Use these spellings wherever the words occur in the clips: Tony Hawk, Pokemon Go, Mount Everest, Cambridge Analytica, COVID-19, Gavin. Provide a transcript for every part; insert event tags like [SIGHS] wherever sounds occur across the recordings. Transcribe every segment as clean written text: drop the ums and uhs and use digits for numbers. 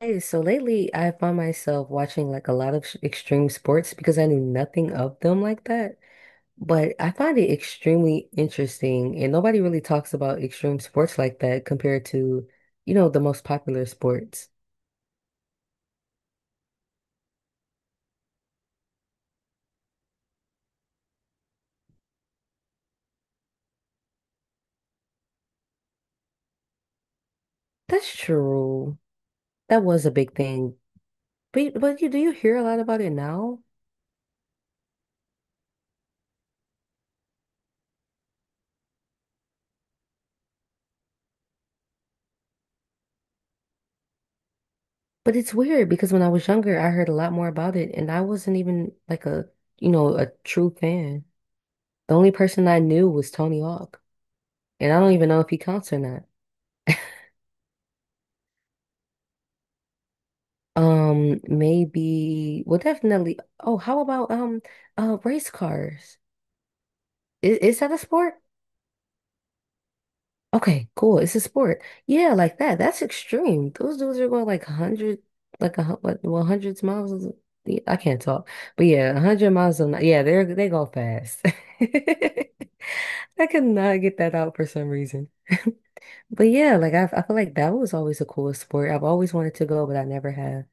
Hey, so lately I find myself watching like a lot of extreme sports because I knew nothing of them like that. But I find it extremely interesting, and nobody really talks about extreme sports like that compared to, you know, the most popular sports. That's true. That was a big thing. But you do you hear a lot about it now? But it's weird because when I was younger, I heard a lot more about it, and I wasn't even like a, you know, a true fan. The only person I knew was Tony Hawk, and I don't even know if he counts or not. Maybe, well, definitely. Oh, how about race cars? Is that a sport? Okay, cool. It's a sport. Yeah, like that. That's extreme. Those dudes are going like a hundred, like a hundreds miles. Yeah, I can't talk, but yeah, a hundred miles an hour. Yeah, they go fast. [LAUGHS] I could not get that out for some reason. But yeah, like I feel like that was always a cool sport. I've always wanted to go, but I never have.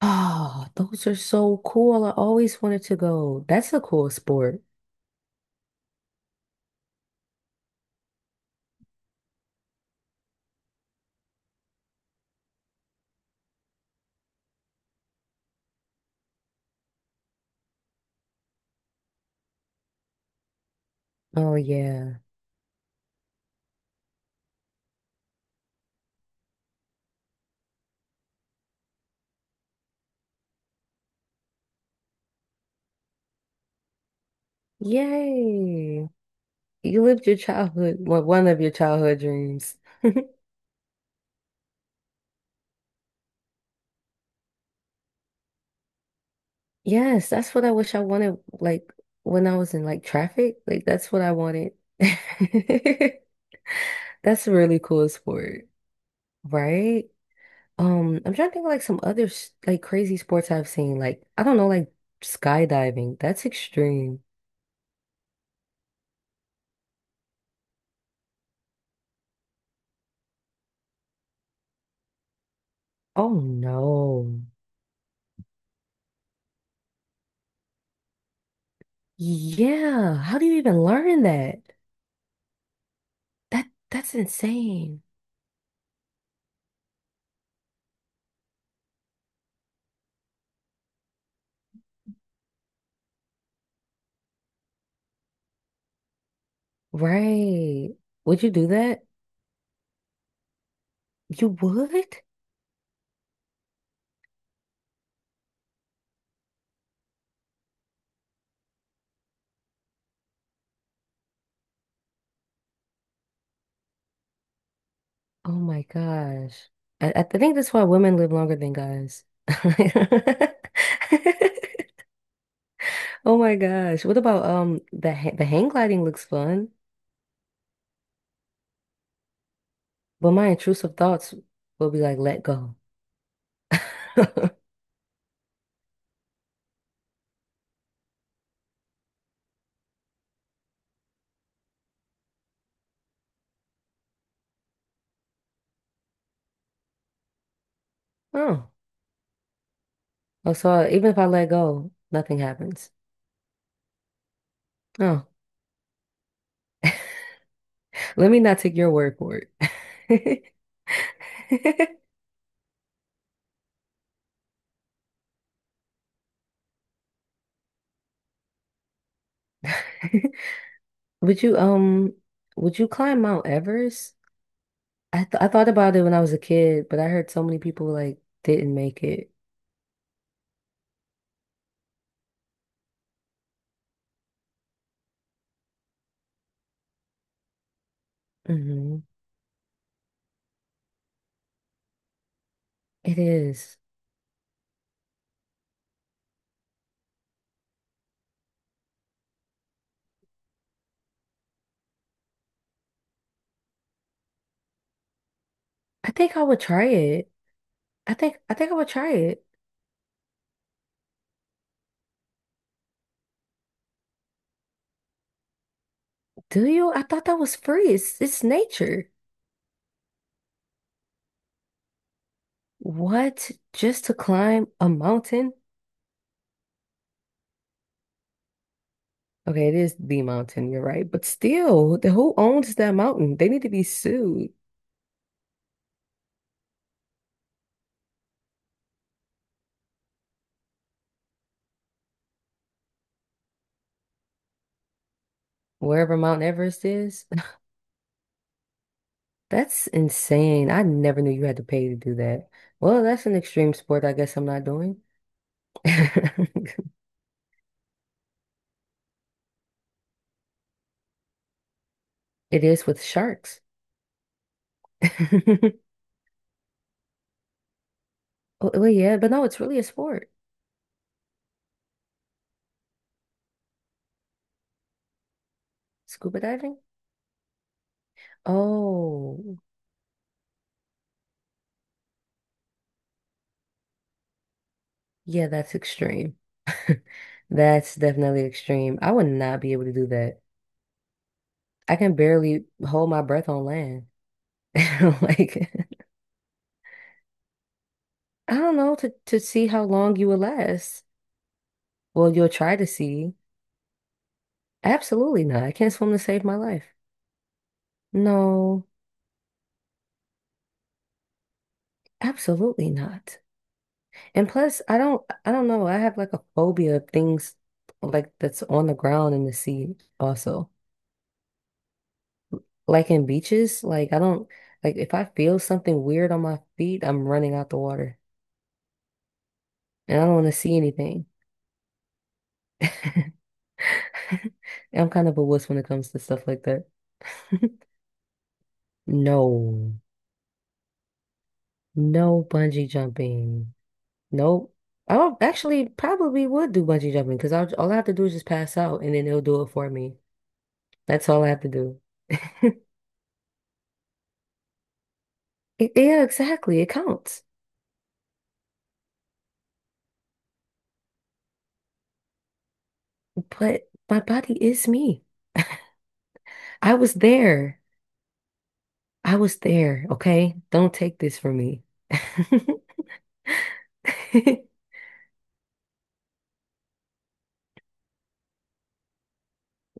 Oh, those are so cool. I always wanted to go. That's a cool sport. Oh yeah. Yay. You lived your childhood, well, one of your childhood dreams. Yes, that's what I wish I wanted, like when I was in like traffic. Like that's what I wanted. [LAUGHS] That's a really cool sport, right? I'm trying to think of like some other like crazy sports I've seen. Like, I don't know, like skydiving. That's extreme. Oh no. Yeah. How do you even learn that? That's insane. Right. Would you do that? You would? Oh my gosh. I think that's why women live longer than guys. [LAUGHS] Oh my gosh. What about the ha the hang gliding looks fun, but my intrusive thoughts will be like let go. [LAUGHS] Oh. Oh, so even if I let go, nothing happens. Oh. Let me not take your word for it. [LAUGHS] Would you um would you climb Mount Everest? I thought about it when I was a kid, but I heard so many people like didn't make it. Hmm. It is. I think I would try it. I think I would try it. Do you? I thought that was free. It's nature. What? Just to climb a mountain? Okay, it is the mountain, you're right. But still, the who owns that mountain? They need to be sued. Wherever Mount Everest is. [SIGHS] [LAUGHS] That's insane. I never knew you had to pay to do that. Well, that's an extreme sport I guess I'm not doing. [LAUGHS] It is with sharks. [LAUGHS] Oh, well, yeah, but no, it's really a sport. Scuba diving? Oh, yeah, that's extreme. [LAUGHS] That's definitely extreme. I would not be able to do that. I can barely hold my breath on land. [LAUGHS] Like I don't know to see how long you will last. Well, you'll try to see. Absolutely not. I can't swim to save my life. No, absolutely not. And plus, I don't know. I have like a phobia of things like that's on the ground in the sea also. Like in beaches, like I don't like if I feel something weird on my feet, I'm running out the water. And I don't want to see anything. [LAUGHS] I'm kind of a wuss when it comes to stuff like that. [LAUGHS] No. No bungee jumping. Nope. Oh, actually, probably would do bungee jumping because all I have to do is just pass out and then they'll do it for me. That's all I have to do. [LAUGHS] Yeah, exactly. It counts. But my body is me. I was there. I was there. Okay. Don't take this from me. [LAUGHS]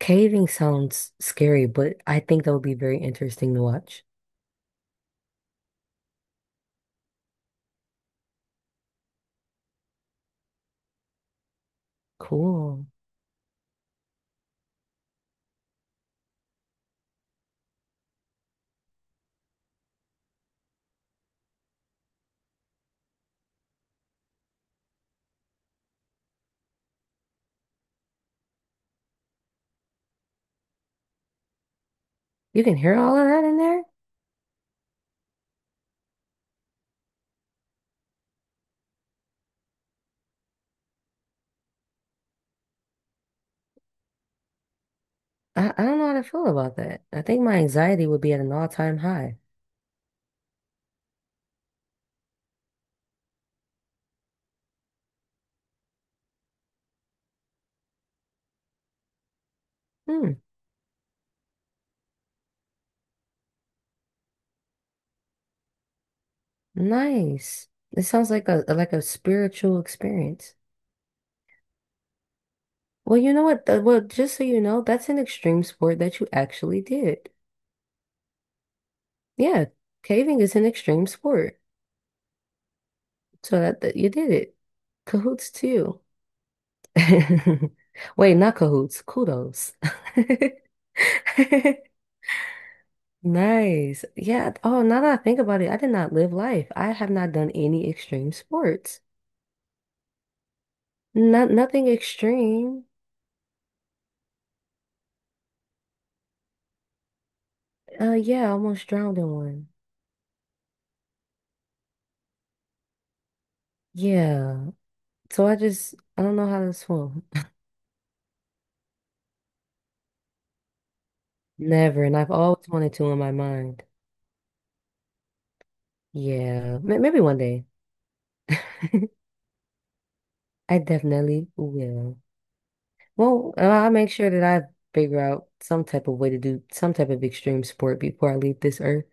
Caving sounds scary, but I think that would be very interesting to watch. Cool. You can hear all of that in there? I don't know how to feel about that. I think my anxiety would be at an all-time high. Hmm, nice. It sounds like a spiritual experience. Well, you know what? Well, just so you know, that's an extreme sport that you actually did. Yeah, caving is an extreme sport. So that you did it. Cahoots to you. [LAUGHS] Wait, not cahoots, kudos. [LAUGHS] Nice. Yeah. Oh, now that I think about it, I did not live life. I have not done any extreme sports. Not nothing extreme. Yeah, I almost drowned in one. Yeah. So I just I don't know how to swim. [LAUGHS] Never, and I've always wanted to in my mind. Yeah, maybe one day. [LAUGHS] I definitely will. Well, I'll make sure that I figure out some type of way to do some type of extreme sport before I leave this earth.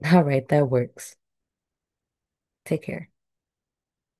[LAUGHS] All right, that works. Take care.